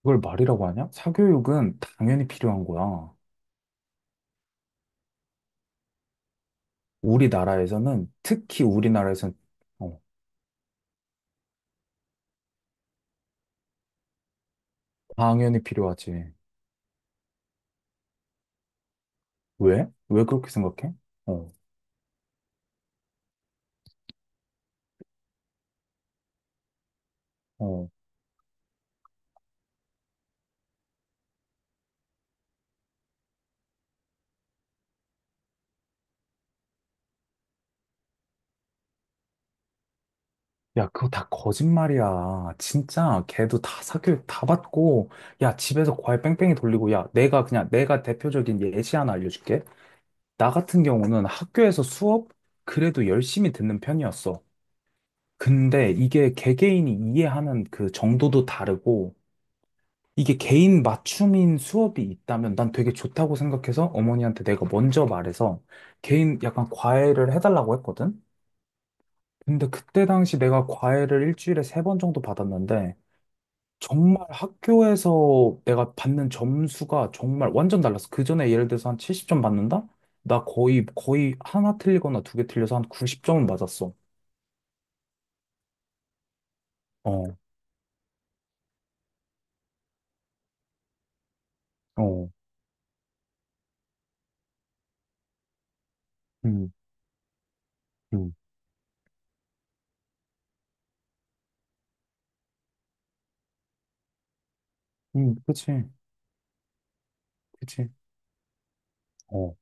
그걸 말이라고 하냐? 사교육은 당연히 필요한 거야. 우리나라에서는, 특히 우리나라에서는, 어, 당연히 필요하지. 왜? 왜 그렇게 생각해? 어, 어. 야, 그거 다 거짓말이야. 진짜 걔도 다 사교육 다 받고, 야, 집에서 과외 뺑뺑이 돌리고, 야, 내가 그냥, 내가 대표적인 예시 하나 알려줄게. 나 같은 경우는 학교에서 수업 그래도 열심히 듣는 편이었어. 근데 이게 개개인이 이해하는 그 정도도 다르고, 이게 개인 맞춤인 수업이 있다면 난 되게 좋다고 생각해서 어머니한테 내가 먼저 말해서 개인 약간 과외를 해달라고 했거든? 근데 그때 당시 내가 과외를 일주일에 세 번 정도 받았는데 정말 학교에서 내가 받는 점수가 정말 완전 달랐어. 그 전에 예를 들어서 한 70점 받는다? 나 거의, 거의 하나 틀리거나 두 개 틀려서 한 90점은 맞았어. 어, 어, 음, 음, 그치, 그치, 어,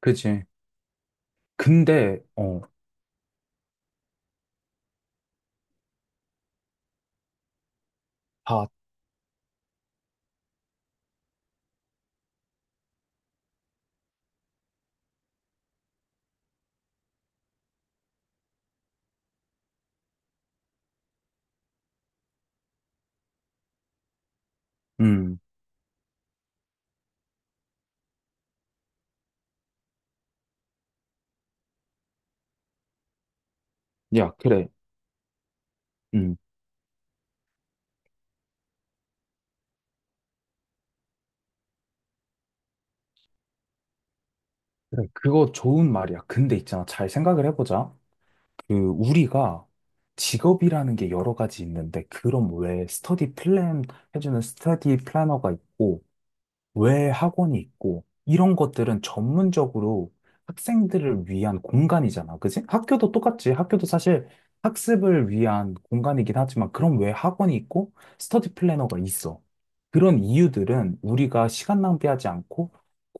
그치. 근데, 어, 다, 음. 야, 그래. 음. 그래. 그거 좋은 말이야. 근데 있잖아. 잘 생각을 해보자. 그, 우리가 직업이라는 게 여러 가지 있는데, 그럼 왜 스터디 플랜 해주는 스터디 플래너가 있고, 왜 학원이 있고, 이런 것들은 전문적으로 학생들을 위한 공간이잖아. 그지? 학교도 똑같지. 학교도 사실 학습을 위한 공간이긴 하지만, 그럼 왜 학원이 있고, 스터디 플래너가 있어? 그런 이유들은 우리가 시간 낭비하지 않고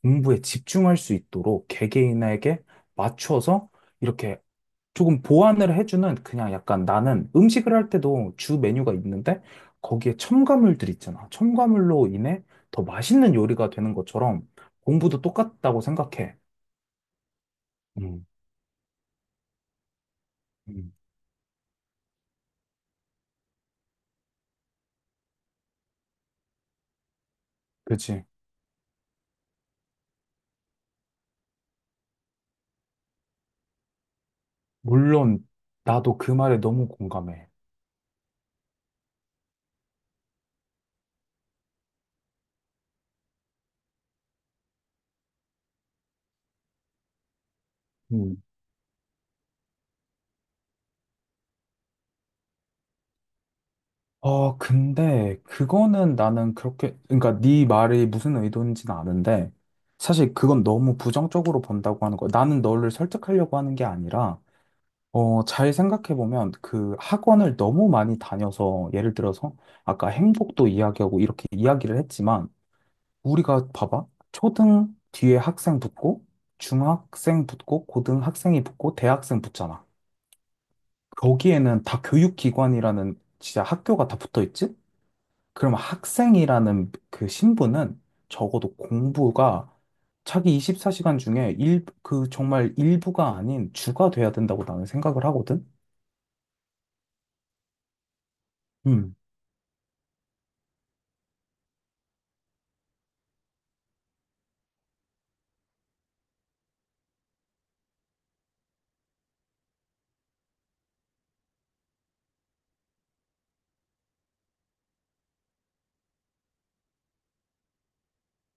공부에 집중할 수 있도록 개개인에게 맞춰서 이렇게 조금 보완을 해주는 그냥 약간 나는 음식을 할 때도 주 메뉴가 있는데 거기에 첨가물들 있잖아. 첨가물로 인해 더 맛있는 요리가 되는 것처럼 공부도 똑같다고 생각해. 음, 음, 그치? 물론 나도 그 말에 너무 공감해. 음, 어, 근데 그거는 나는 그렇게 그러니까 네 말이 무슨 의도인지는 아는데 사실 그건 너무 부정적으로 본다고 하는 거야. 나는 너를 설득하려고 하는 게 아니라 어, 잘 생각해보면 그 학원을 너무 많이 다녀서 예를 들어서 아까 행복도 이야기하고 이렇게 이야기를 했지만 우리가 봐봐. 초등 뒤에 학생 붙고 중학생 붙고 고등학생이 붙고 대학생 붙잖아. 거기에는 다 교육기관이라는 진짜 학교가 다 붙어 있지? 그럼 학생이라는 그 신분은 적어도 공부가 자기 24시간 중에 일, 그 정말 일부가 아닌 주가 돼야 된다고 나는 생각을 하거든? 음,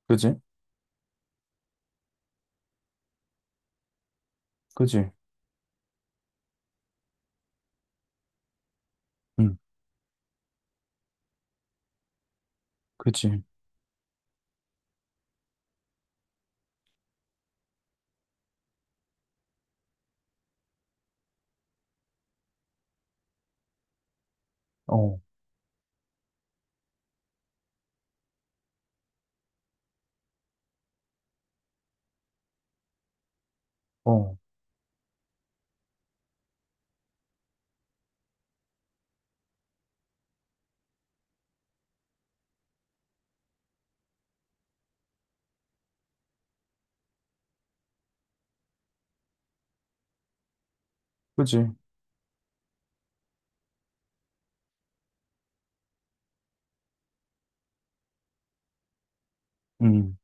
그지? 그지? 응, 그지? 어, 어, 그지? 응,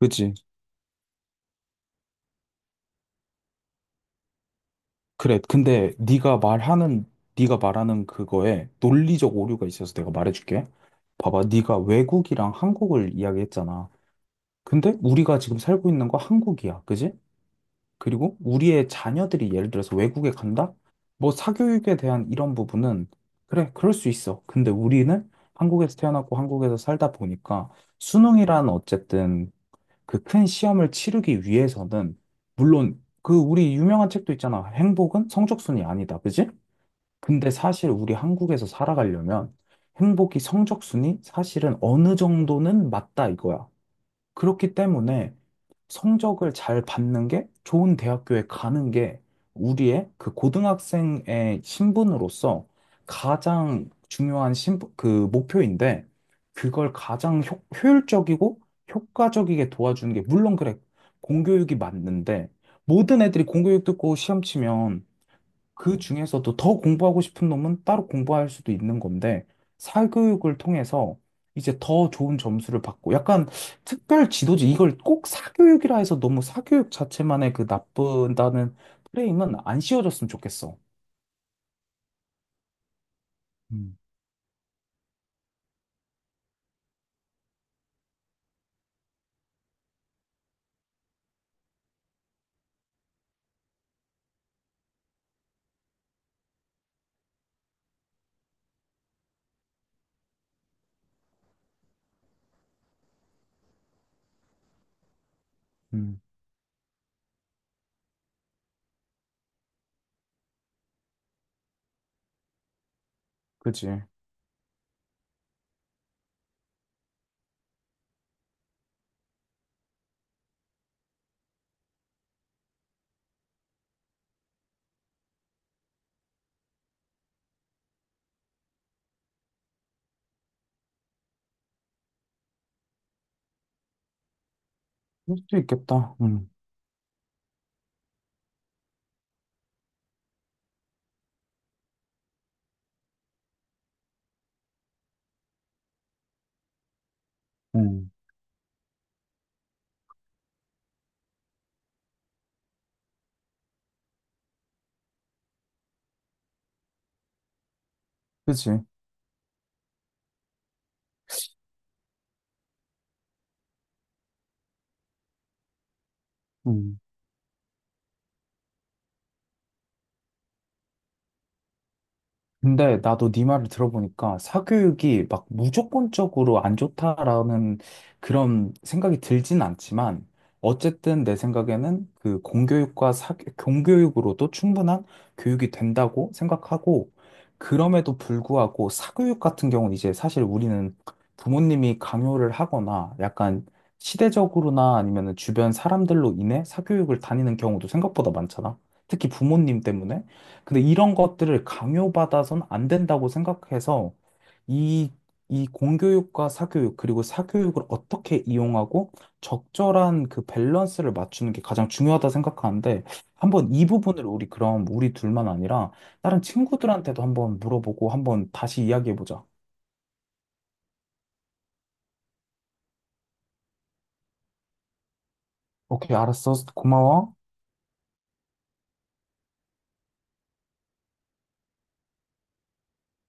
그지? 그래. 근데 네가 말하는 그거에 논리적 오류가 있어서 내가 말해줄게. 봐봐, 네가 외국이랑 한국을 이야기했잖아. 근데 우리가 지금 살고 있는 거 한국이야, 그지? 그리고 우리의 자녀들이 예를 들어서 외국에 간다? 뭐 사교육에 대한 이런 부분은 그래, 그럴 수 있어. 근데 우리는 한국에서 태어났고 한국에서 살다 보니까 수능이란 어쨌든 그 큰 시험을 치르기 위해서는 물론 그 우리 유명한 책도 있잖아. 행복은 성적순이 아니다. 그지? 근데 사실 우리 한국에서 살아가려면 행복이 성적순이 사실은 어느 정도는 맞다 이거야. 그렇기 때문에 성적을 잘 받는 게 좋은 대학교에 가는 게 우리의 그 고등학생의 신분으로서 가장 중요한 신분, 그 목표인데 그걸 가장 효율적이고 효과적이게 도와주는 게 물론 그래 공교육이 맞는데 모든 애들이 공교육 듣고 시험 치면 그 중에서도 더 공부하고 싶은 놈은 따로 공부할 수도 있는 건데, 사교육을 통해서 이제 더 좋은 점수를 받고, 약간 특별 지도지, 이걸 꼭 사교육이라 해서 너무 사교육 자체만의 그 나쁘다는 프레임은 안 씌워줬으면 좋겠어. 음, 음, 그지. 그럴 수도 있겠다. 음, 그지. 음. 근데 나도 네 말을 들어보니까 사교육이 막 무조건적으로 안 좋다라는 그런 생각이 들진 않지만 어쨌든 내 생각에는 그 공교육과 사, 공교육으로도 충분한 교육이 된다고 생각하고 그럼에도 불구하고 사교육 같은 경우는 이제 사실 우리는 부모님이 강요를 하거나 약간 시대적으로나 아니면 주변 사람들로 인해 사교육을 다니는 경우도 생각보다 많잖아. 특히 부모님 때문에. 근데 이런 것들을 강요받아선 안 된다고 생각해서 이, 이 공교육과 사교육, 그리고 사교육을 어떻게 이용하고 적절한 그 밸런스를 맞추는 게 가장 중요하다 생각하는데 한번 이 부분을 우리 그럼 우리 둘만 아니라 다른 친구들한테도 한번 물어보고 한번 다시 이야기해보자. 오케이, 알았어. 고마워.